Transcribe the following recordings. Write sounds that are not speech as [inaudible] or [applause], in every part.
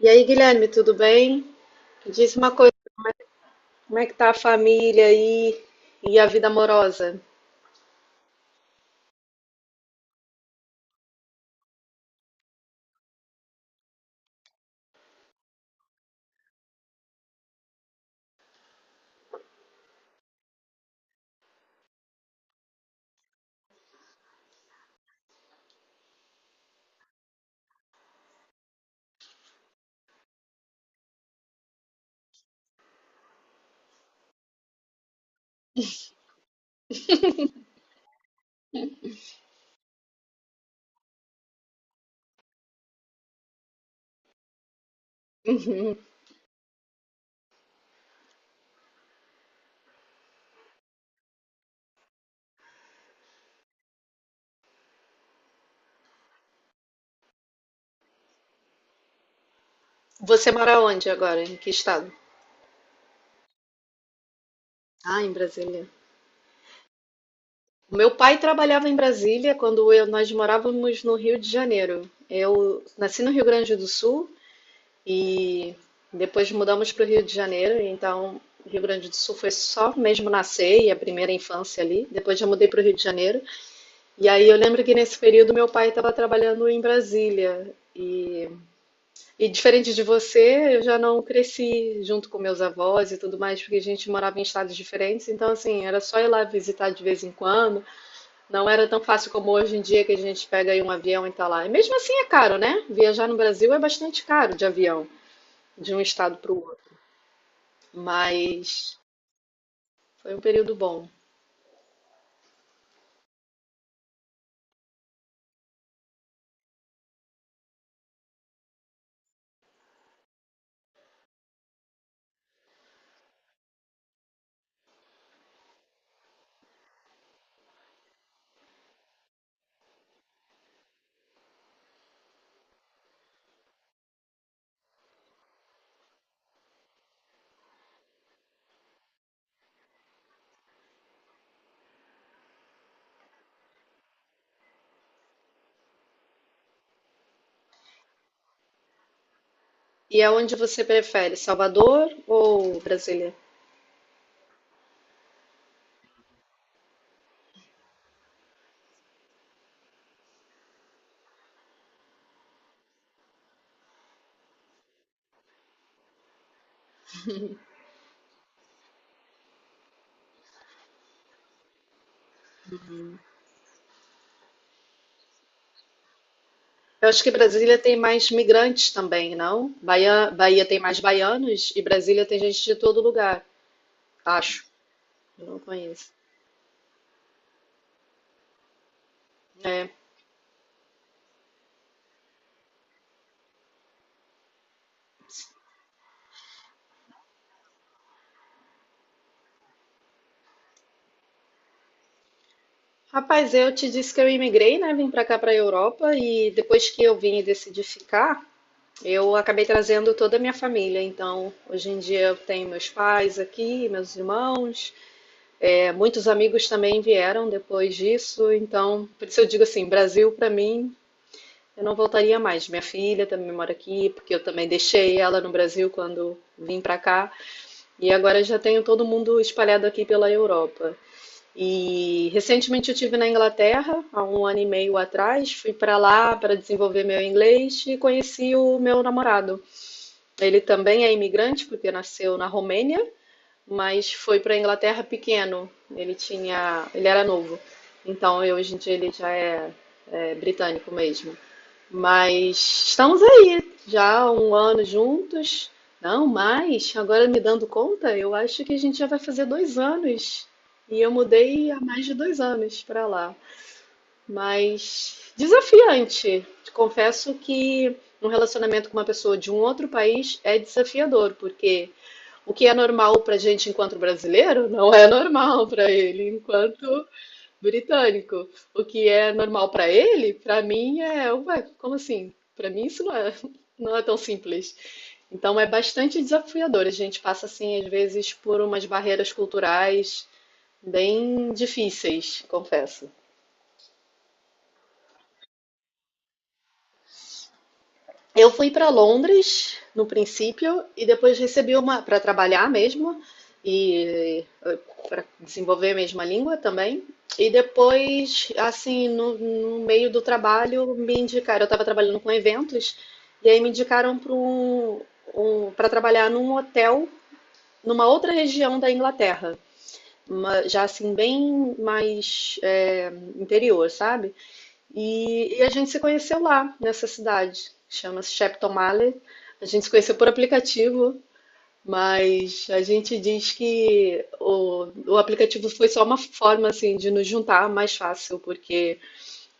E aí, Guilherme, tudo bem? Diz uma coisa, como é que tá a família aí e a vida amorosa? [laughs] Uhum. Você mora onde agora? Em que estado? Ah, em Brasília. O meu pai trabalhava em Brasília quando nós morávamos no Rio de Janeiro. Eu nasci no Rio Grande do Sul e depois mudamos para o Rio de Janeiro. Então, Rio Grande do Sul foi só mesmo nascer e a primeira infância ali. Depois já mudei para o Rio de Janeiro. E aí eu lembro que nesse período meu pai estava trabalhando em Brasília. E diferente de você, eu já não cresci junto com meus avós e tudo mais, porque a gente morava em estados diferentes, então assim, era só ir lá visitar de vez em quando. Não era tão fácil como hoje em dia que a gente pega aí um avião e tá lá. E mesmo assim é caro, né? Viajar no Brasil é bastante caro de avião, de um estado para o outro. Mas foi um período bom. E aonde você prefere, Salvador ou Brasília? Eu acho que Brasília tem mais migrantes também, não? Bahia, Bahia tem mais baianos e Brasília tem gente de todo lugar, acho. Eu não conheço. É. Rapaz, eu te disse que eu imigrei, né? Vim pra cá, pra Europa, e depois que eu vim e decidi ficar, eu acabei trazendo toda a minha família. Então, hoje em dia eu tenho meus pais aqui, meus irmãos, é, muitos amigos também vieram depois disso. Então, por isso eu digo assim, Brasil pra mim. Eu não voltaria mais. Minha filha também mora aqui, porque eu também deixei ela no Brasil quando vim para cá. E agora já tenho todo mundo espalhado aqui pela Europa. E recentemente eu tive na Inglaterra, há um ano e meio atrás, fui para lá para desenvolver meu inglês e conheci o meu namorado. Ele também é imigrante, porque nasceu na Romênia, mas foi para a Inglaterra pequeno. Ele era novo. Então, hoje em dia ele já é britânico mesmo. Mas estamos aí, já há um ano juntos. Não, mais, agora me dando conta, eu acho que a gente já vai fazer 2 anos. E eu mudei há mais de 2 anos para lá. Mas desafiante. Te confesso que um relacionamento com uma pessoa de um outro país é desafiador, porque o que é normal para gente enquanto brasileiro não é normal para ele enquanto britânico. O que é normal para ele, para mim é, ué, como assim? Para mim isso não é, [laughs] não é tão simples. Então é bastante desafiador. A gente passa assim às vezes por umas barreiras culturais bem difíceis, confesso. Eu fui para Londres no princípio e depois recebi uma para trabalhar mesmo e para desenvolver mesmo a língua também. E depois, assim, no meio do trabalho, me indicaram. Eu estava trabalhando com eventos e aí me indicaram para trabalhar num hotel numa outra região da Inglaterra, já assim bem mais é, interior, sabe? E a gente se conheceu lá, nessa cidade, chama-se Shepton. A gente se conheceu por aplicativo, mas a gente diz que o aplicativo foi só uma forma assim de nos juntar mais fácil, porque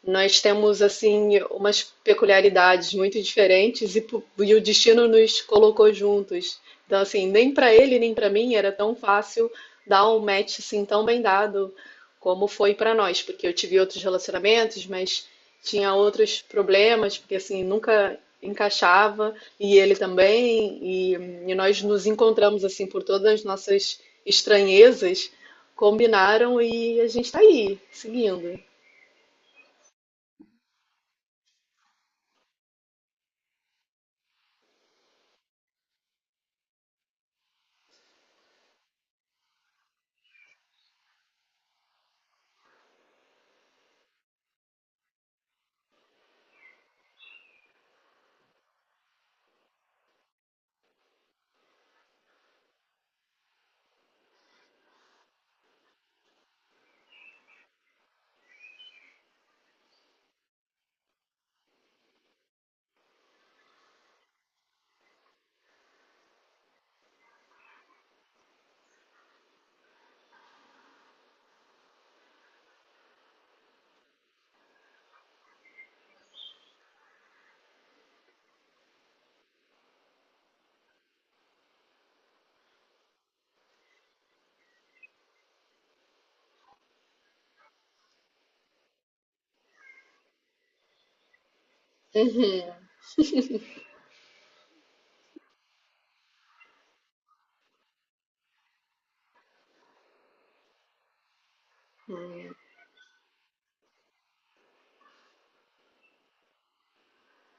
nós temos assim umas peculiaridades muito diferentes e, e o destino nos colocou juntos. Então assim, nem para ele nem para mim era tão fácil dar um match assim tão bem dado como foi para nós, porque eu tive outros relacionamentos, mas tinha outros problemas, porque assim nunca encaixava e ele também e nós nos encontramos assim por todas as nossas estranhezas, combinaram e a gente está aí, seguindo.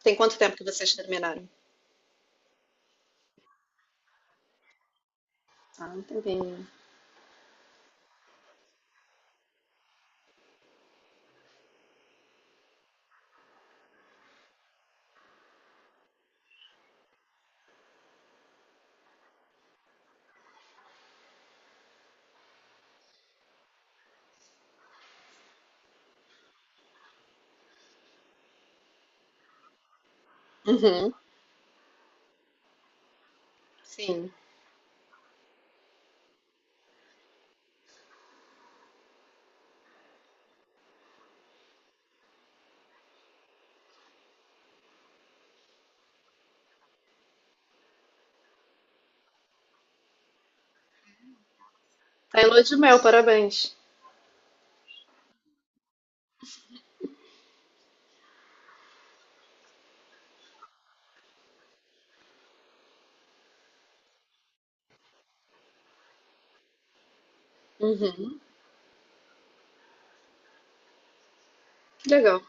Tem quanto tempo que vocês terminaram? Ah, um tempinho. Uhum, sim. Tá em lua de mel, parabéns. Uhum, que legal.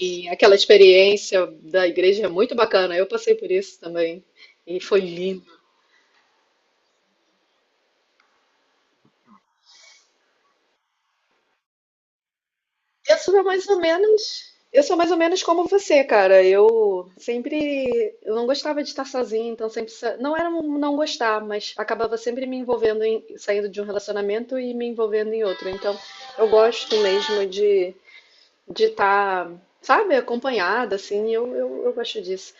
E aquela experiência da igreja é muito bacana. Eu passei por isso também. E foi lindo. Eu sou mais ou menos. Eu sou mais ou menos como você, cara. Eu sempre. Eu não gostava de estar sozinha, então não era um não gostar, mas acabava sempre me envolvendo saindo de um relacionamento e me envolvendo em outro. Então eu gosto mesmo de estar, sabe, acompanhada, assim, eu gosto disso.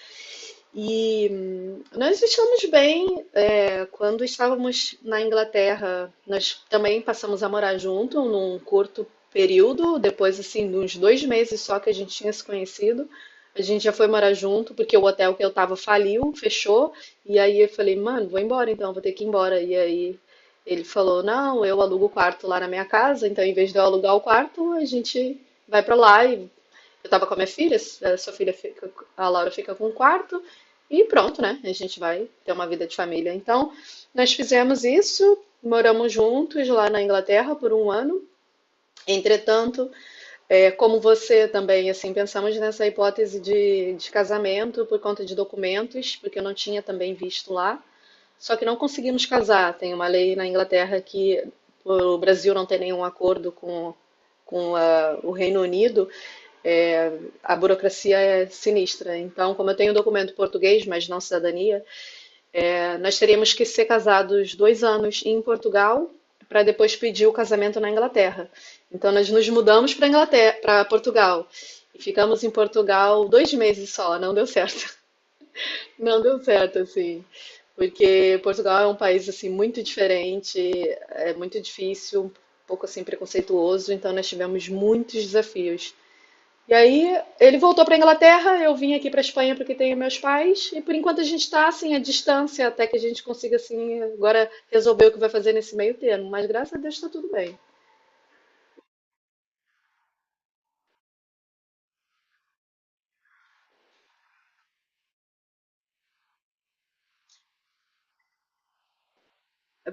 E nós estamos bem. É, quando estávamos na Inglaterra, nós também passamos a morar junto num curto período, depois, assim, de uns 2 meses só que a gente tinha se conhecido. A gente já foi morar junto, porque o hotel que eu tava faliu, fechou, e aí eu falei, mano, vou embora então, vou ter que ir embora. E aí ele falou, não, eu alugo o quarto lá na minha casa, então em vez de eu alugar o quarto, a gente vai pra lá e eu estava com a minha filha, a sua filha fica, a Laura fica com um quarto e pronto, né? A gente vai ter uma vida de família. Então, nós fizemos isso, moramos juntos lá na Inglaterra por um ano. Entretanto, é, como você também, assim, pensamos nessa hipótese de casamento por conta de documentos, porque eu não tinha também visto lá. Só que não conseguimos casar. Tem uma lei na Inglaterra que o Brasil não tem nenhum acordo com o Reino Unido é, a burocracia é sinistra. Então, como eu tenho um documento português, mas não cidadania, é, nós teríamos que ser casados 2 anos em Portugal para depois pedir o casamento na Inglaterra. Então, nós nos mudamos para Inglaterra, para Portugal. E ficamos em Portugal 2 meses só, não deu certo. [laughs] Não deu certo, assim porque Portugal é um país assim muito diferente, é muito difícil, um pouco assim preconceituoso, então nós tivemos muitos desafios. E aí ele voltou para a Inglaterra, eu vim aqui para a Espanha porque tenho meus pais, e por enquanto a gente está assim à distância até que a gente consiga assim agora resolver o que vai fazer nesse meio termo, mas graças a Deus está tudo bem.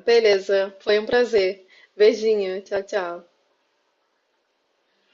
Beleza, foi um prazer. Beijinho, tchau, tchau.